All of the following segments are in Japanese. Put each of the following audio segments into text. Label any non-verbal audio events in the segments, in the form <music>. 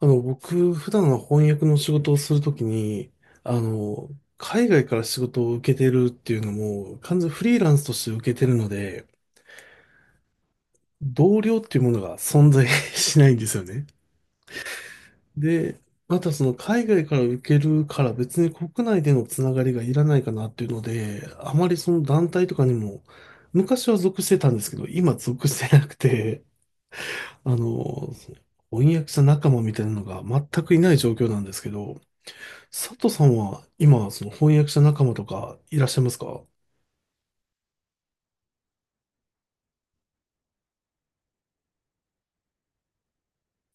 僕、普段の翻訳の仕事をするときに、あの、海外から仕事を受けてるっていうのも、完全フリーランスとして受けてるので、同僚っていうものが存在 <laughs> しないんですよね。で、またその海外から受けるから別に国内でのつながりがいらないかなっていうので、あまりその団体とかにも、昔は属してたんですけど、今属してなくて、あの、翻訳者仲間みたいなのが全くいない状況なんですけど、佐藤さんは今、その翻訳者仲間とかいらっしゃいますか？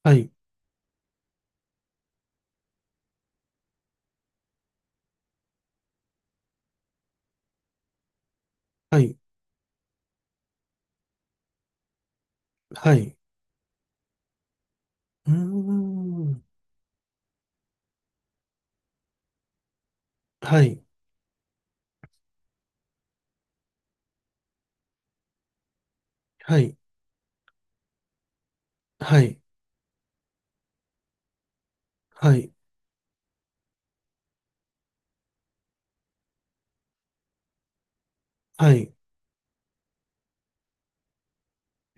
はい、はい、はい。うーん。はい、はい、はい、はい、はい。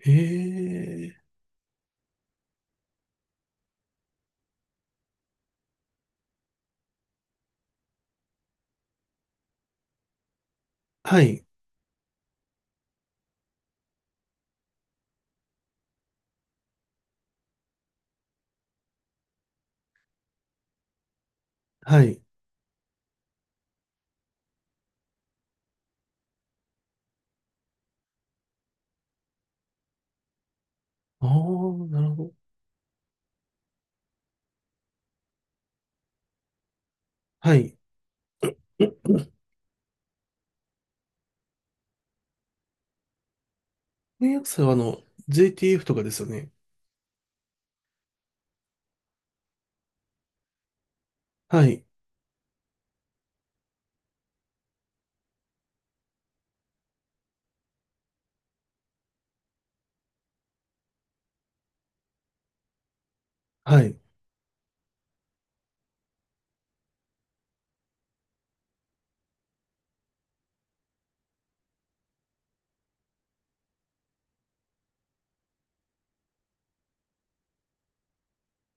ええ、はい、はい。ああ、なるほど。はい。翻訳者はあの、JTF とかですよね。はい、はい、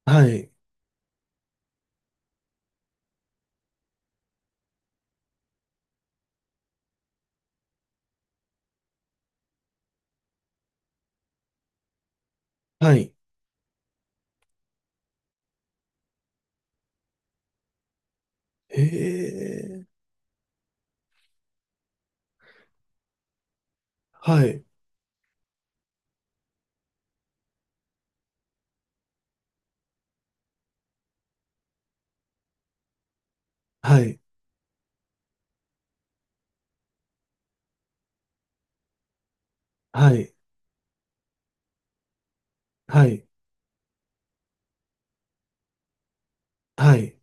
はい、はい。ええ、はい、はい、はい、はい、はい。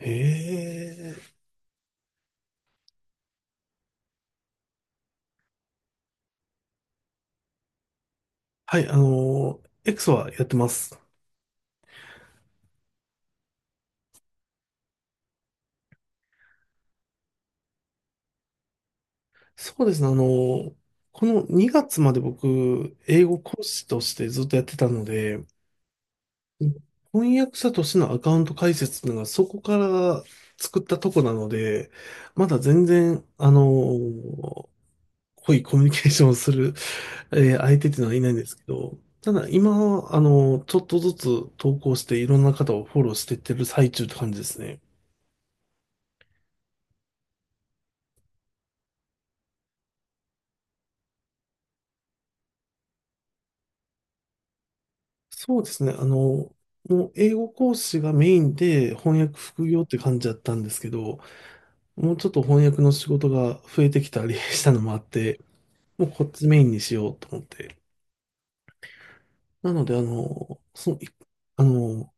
ええ、はい、あのー X はやってます。そうですね。あの、この2月まで僕、英語講師としてずっとやってたので、翻訳者としてのアカウント開設っていうのがそこから作ったとこなので、まだ全然、あの、濃いコミュニケーションをする、相手っていうのはいないんですけど、ただ今、あの、ちょっとずつ投稿していろんな方をフォローしていってる最中って感じですね。そうですね。あの、もう英語講師がメインで翻訳副業って感じだったんですけど、もうちょっと翻訳の仕事が増えてきたり <laughs> したのもあって、もうこっちメインにしようと思って。なので、あの、その、あの、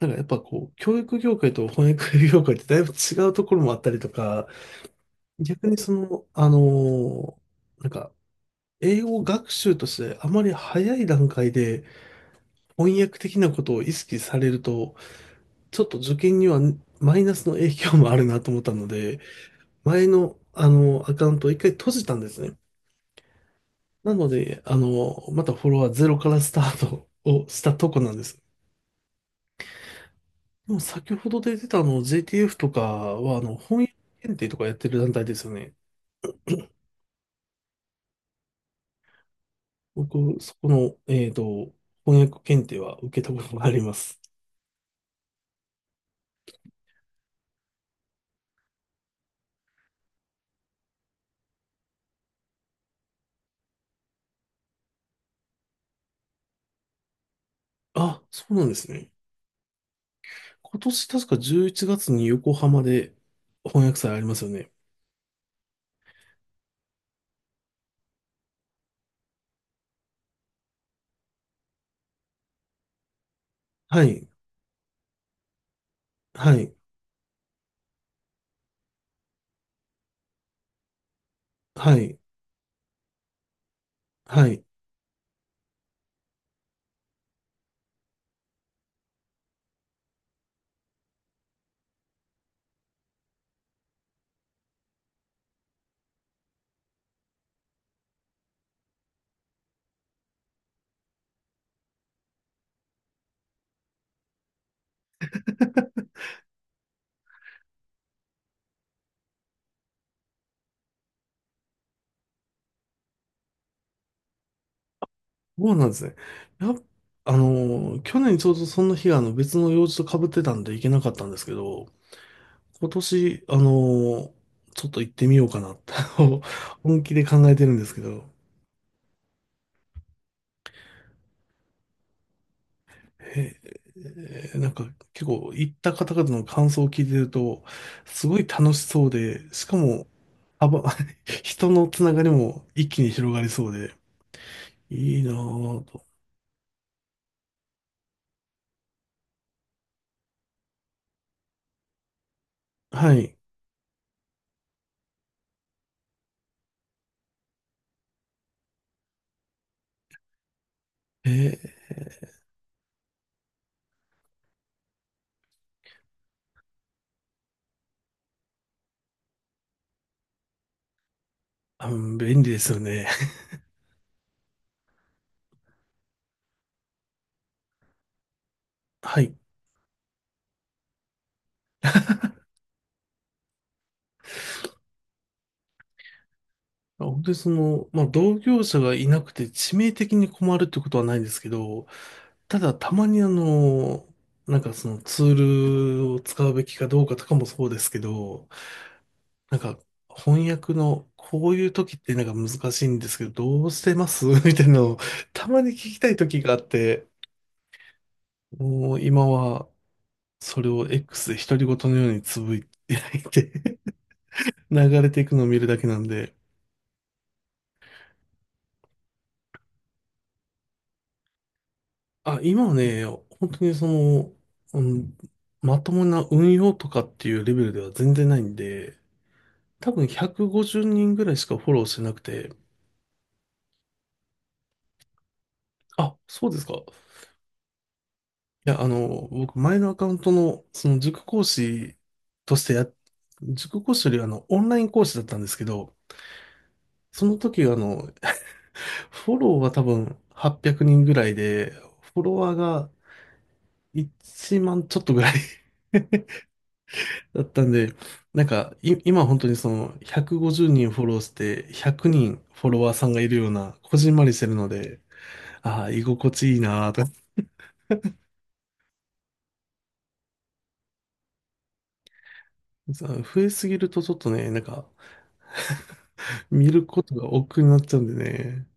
なんかやっぱこう、教育業界と翻訳業界ってだいぶ違うところもあったりとか、逆にその、あの、なんか、英語学習としてあまり早い段階で翻訳的なことを意識されると、ちょっと受験にはマイナスの影響もあるなと思ったので、前の、あの、アカウントを一回閉じたんですね。なので、あの、またフォロワーゼロからスタートをしたとこなんです。でも先ほど出てたあの JTF とかは、あの、翻訳検定とかやってる団体ですよね。僕、そこの、えっと、翻訳検定は受けたことがあります。あ、そうなんですね。今年確か11月に横浜で翻訳祭ありますよね。はい、はい、はい、はい。そうなんですね。やっあの、去年ちょうどその日があの別の用事と被ってたんで行けなかったんですけど、今年、ーちょっと行ってみようかなと <laughs> 本気で考えてるんですけど、ええ、なんか結構行った方々の感想を聞いてると、すごい楽しそうで、しかも、幅 <laughs> 人のつながりも一気に広がりそうで、いいなぁと。はい。えーあの便利ですよね。<laughs> はい。本当にその、まあ、同業者がいなくて致命的に困るってことはないんですけど、ただ、たまにあの、なんかそのツールを使うべきかどうかとかもそうですけど、なんか翻訳のこういう時ってなんか難しいんですけど、どうしてます <laughs> みたいなのをたまに聞きたい時があって、もう今はそれを X で独り言のようにつぶやいて <laughs> 流れていくのを見るだけなんで、あ、今はね、本当にその、うん、まともな運用とかっていうレベルでは全然ないんで、多分150人ぐらいしかフォローしてなくて、あ、そうですか。いや、あの、僕、前のアカウントの、その塾講師としてや、塾講師よりあの、オンライン講師だったんですけど、その時、あの、<laughs> フォローは多分800人ぐらいで、フォロワーが1万ちょっとぐらい <laughs> だったんで、なんか、今本当にその150人フォローして100人フォロワーさんがいるような、こじんまりしてるので、ああ、居心地いいなぁと、増えすぎるとちょっとね、なんか、見ることが億劫になっちゃうんでね。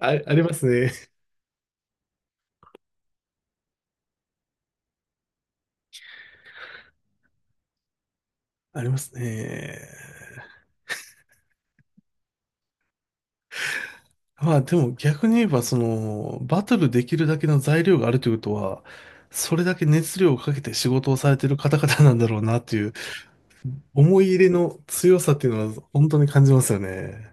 あ、ありますね。<laughs> ありますね。まあでも逆に言えば、その、バトルできるだけの材料があるということは、それだけ熱量をかけて仕事をされている方々なんだろうなっていう、思い入れの強さっていうのは本当に感じますよね。